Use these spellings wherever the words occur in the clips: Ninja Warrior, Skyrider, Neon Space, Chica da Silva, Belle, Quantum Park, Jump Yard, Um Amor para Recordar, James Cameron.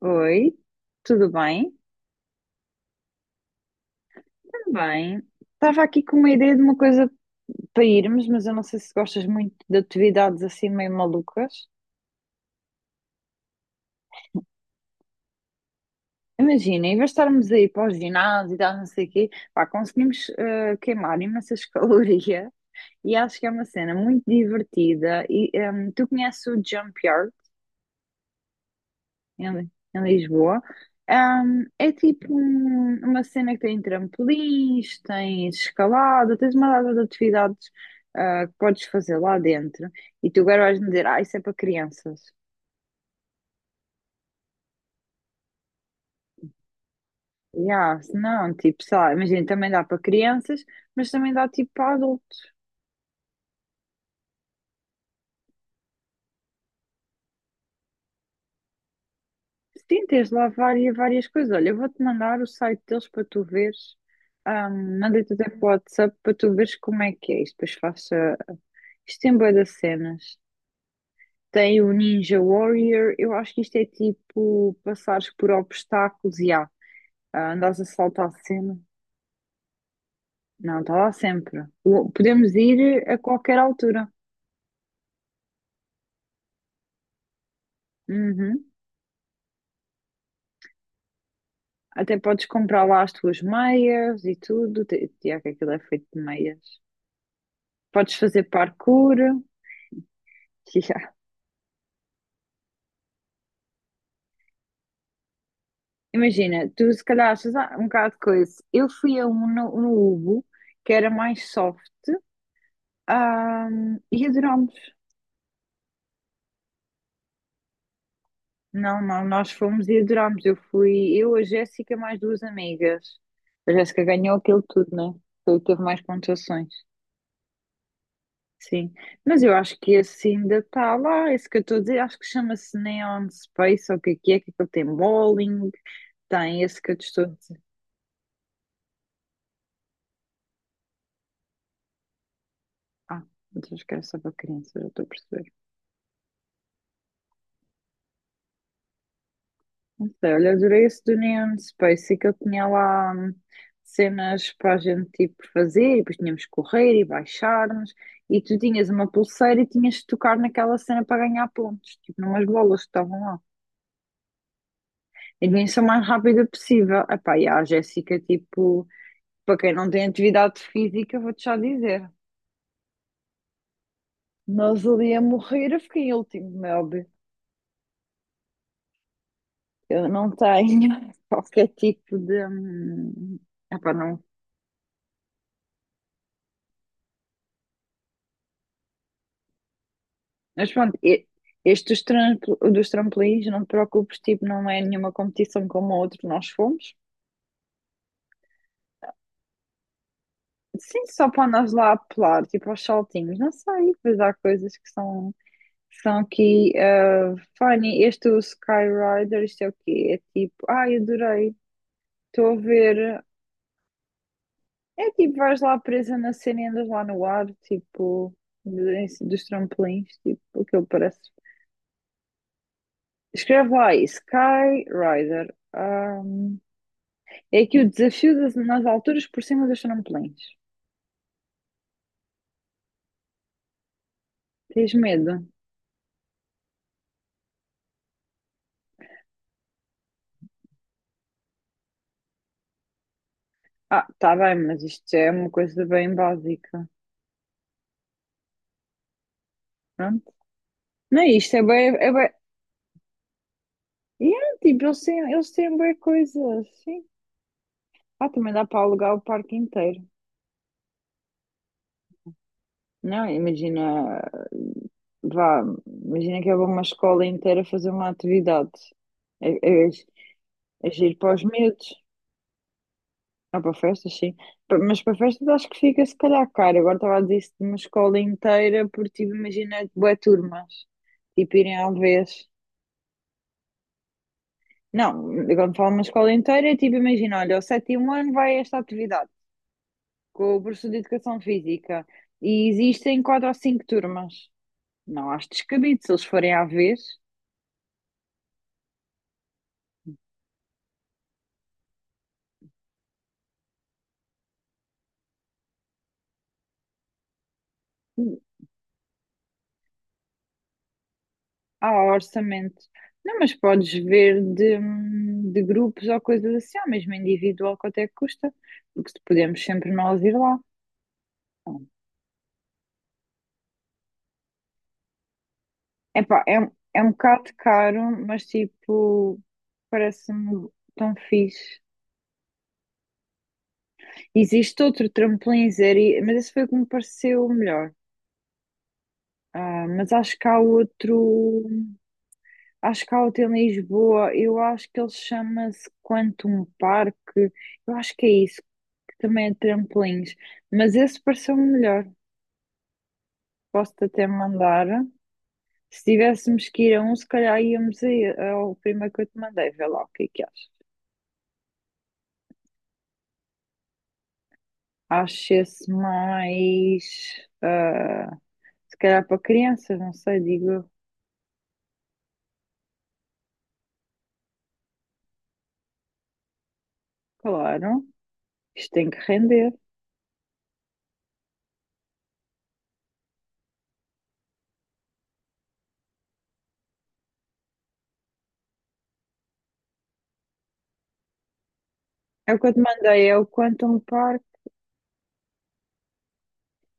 Oi, tudo bem? Também. Estava aqui com uma ideia de uma coisa para irmos, mas eu não sei se gostas muito de atividades assim meio malucas. Imagina, em vez de estarmos aí para o ginásio e tal, não sei o quê, pá, conseguimos queimar imensas calorias e acho que é uma cena muito divertida. E tu conheces o Jump Yard? Em Lisboa. É tipo uma cena que tem trampolins, tens escalada, tens uma data de atividades que podes fazer lá dentro. E tu agora vais-me dizer: ah, isso é para crianças. Yeah, se não, tipo, sei lá, imagina, também dá para crianças, mas também dá tipo para adultos. Sim, tens lá várias coisas. Olha, eu vou-te mandar o site deles para tu veres. Mandei-te até para o WhatsApp para tu veres como é que é isto. Depois faço. Isto tem bué de cenas. Tem o Ninja Warrior. Eu acho que isto é tipo passares por obstáculos e há. Ah, andares a saltar sempre. Não, está lá sempre. Podemos ir a qualquer altura. Uhum. Até podes comprar lá as tuas meias e tudo. Tiago, que aquilo é feito de meias. Podes fazer parkour. Imagina, tu se calhar achas um bocado de coisa. Eu fui a um no Ubo, que era mais soft, ah, e adorámos. Não, não, nós fomos e adorámos. Eu fui, eu, a Jéssica, mais duas amigas. A Jéssica ganhou aquilo tudo, né? Foi o que teve mais pontuações. Sim. Mas eu acho que esse ainda está lá, esse que eu estou a dizer, acho que chama-se Neon Space, ou o que é que é, que ele tem bowling, tem esse que eu te estou a dizer. Ah, mas acho que era só para crianças, já estou a perceber. Não sei, olha, adorei esse do Neon Space, e que ele tinha lá cenas para a gente tipo fazer, e depois tínhamos que correr e baixarmos, e tu tinhas uma pulseira e tinhas de tocar naquela cena para ganhar pontos, tipo numas bolas que estavam lá. E devia ser o mais rápida possível. Epá, e a Jéssica, tipo, para quem não tem atividade física, vou-te já dizer, nós ali a morrer, eu fiquei em último, meu óbvio. Eu não tenho qualquer tipo de, epá, não. Mas pronto, este dos, dos trampolins, não te preocupes, tipo, não é nenhuma competição como a outra que nós fomos. Sim, só para andares lá a pular, tipo, aos saltinhos, não sei, pois há coisas que são, aqui funny. Este do Skyrider, isto é o quê? É tipo, ai, adorei, estou a ver. É tipo vais lá presa na cena e andas lá no ar, tipo, dos trampolins, tipo aquilo parece. Escreve lá aí, Skyrider. É que o desafio nas alturas por cima dos trampolins. Tens medo? Ah, tá bem, mas isto já é uma coisa bem básica. Pronto. Não é isto, é bem. É bem... Yeah, tipo, eles têm bem coisas. Sim. Ah, também dá para alugar o parque inteiro. Não, imagina. Vá, imagina que é uma escola inteira fazer uma atividade. É, é, é giro para os medos. Ah, para festas, sim. Mas para festas acho que fica se calhar caro. Agora estava a dizer isso de uma escola inteira, porque tipo, imagina bué turmas, tipo irem à vez. Não, quando falo uma escola inteira, é tipo, imagina, olha, o sétimo ano vai a esta atividade, com o professor de Educação Física, e existem quatro ou cinco turmas. Não, acho descabido, se eles forem à vez, há orçamento. Não, mas podes ver de grupos ou coisas assim, ou mesmo individual, quanto é que custa, porque podemos sempre nós ir lá. Epá, é um bocado caro, mas tipo, parece-me tão fixe. Existe outro trampolim zero, mas esse foi o que me pareceu o melhor. Ah, mas acho que há outro, acho que há outro em Lisboa, eu acho que ele chama-se Quantum Parque, eu acho que é isso, que também é trampolins, mas esse pareceu-me melhor. Posso-te até mandar. Se tivéssemos que ir a um, se calhar íamos aí ao primeiro que eu te mandei, vê lá o que é que achas. Acho-se mais, se calhar para crianças, não sei, digo eu. Claro, isto tem que render. É o que eu te mandei, é o Quantum Park.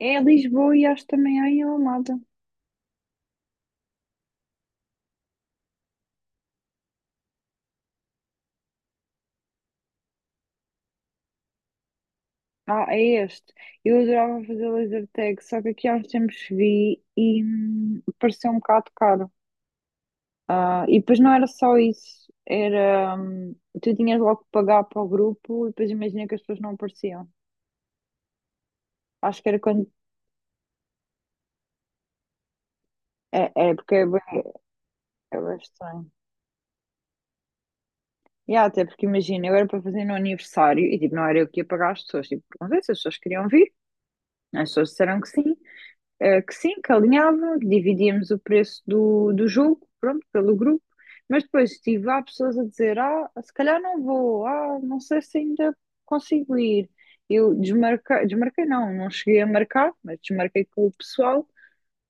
É em Lisboa e acho também há em Almada. Ah, é este. Eu adorava fazer laser tag, só que aqui há uns tempos vi e pareceu um bocado caro. Ah, e depois não era só isso, tu tinhas logo que pagar para o grupo e depois imagina que as pessoas não apareciam. Acho que era quando, é porque é bem, é bem e há, até porque imagina, eu era para fazer no aniversário e tipo, não era eu que ia pagar as pessoas. Tipo, perguntei se as pessoas queriam vir. As pessoas disseram que sim, que sim, que alinhavam, que dividíamos o preço do jogo, pronto, pelo grupo. Mas depois tive lá pessoas a dizer: ah, se calhar não vou, ah, não sei se ainda consigo ir. Eu desmarquei, desmarquei não, não cheguei a marcar, mas desmarquei com o pessoal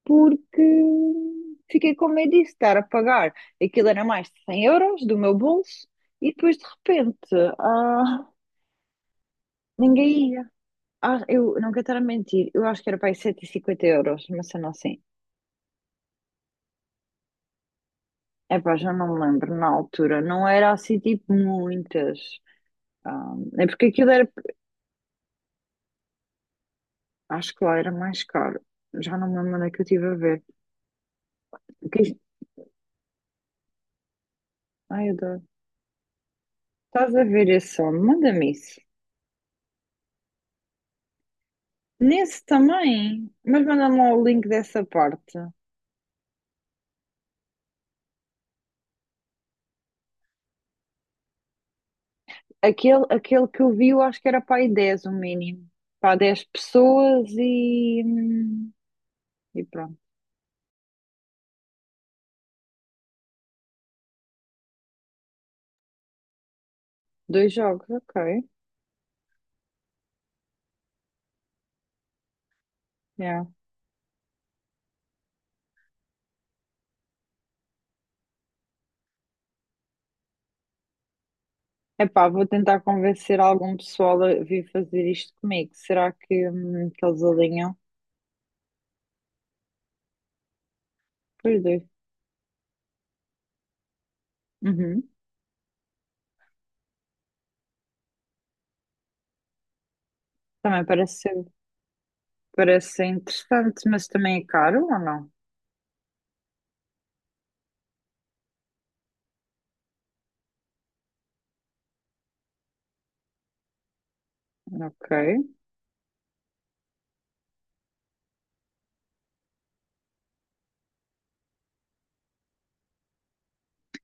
porque fiquei com medo disso, estar a pagar. Aquilo era mais de 100 € do meu bolso e depois de repente, ah, ninguém ia. Ah, eu não quero estar a mentir, eu acho que era para aí 150 euros, mas sendo assim. Epá, já não me lembro na altura, não era assim tipo muitas. Ah, é porque aquilo era, acho que lá era mais caro. Já não me lembro onde é que eu estive a ver. O que é isto? Ai, eu adoro. Estás a ver esse som? Manda-me isso. Nesse também, mas manda-me lá o link dessa parte. Aquele que eu vi, eu acho que era para aí 10 o mínimo. Para 10 pessoas e pronto. Dois jogos, ok. Yeah. Epá, vou tentar convencer algum pessoal a vir fazer isto comigo. Será que eles alinham? Pois dois. Uhum. Também parece ser interessante, mas também é caro ou não? Ok.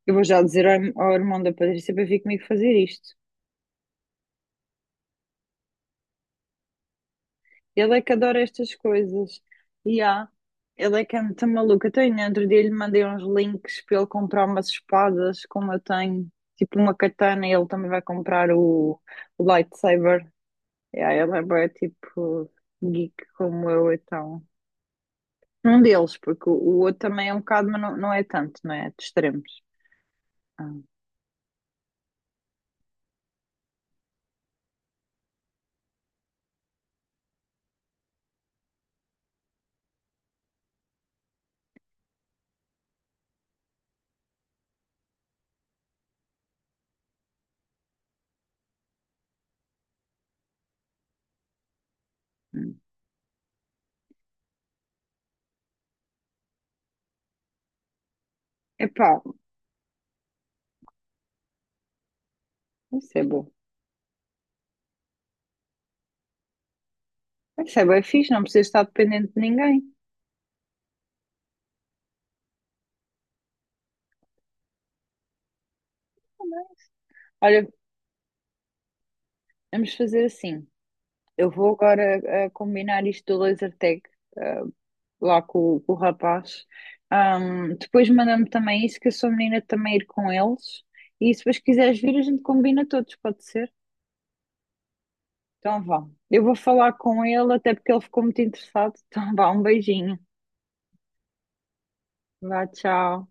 Eu vou já dizer ao irmão da Patrícia para vir comigo fazer isto. Ele é que adora estas coisas. E há. Ele é que é muito maluco. Até no outro dia lhe mandei uns links para ele comprar umas espadas, como eu tenho, tipo uma katana, e ele também vai comprar o lightsaber. Yeah, ele é bué, tipo geek como eu, então. Um deles, porque o outro também é um bocado, mas não, não é tanto, não é? De extremos. Ah, hum. Epá, isso é bom. Isso é bem fixe, não precisa estar dependente de ninguém. Olha, vamos fazer assim. Eu vou agora combinar isto do laser tag eh, lá com o rapaz. Depois manda-me também isso, que eu sou menina de também ir com eles. E se depois quiseres vir, a gente combina todos, pode ser? Então vá. Eu vou falar com ele, até porque ele ficou muito interessado. Então vá, um beijinho. Vá, tchau.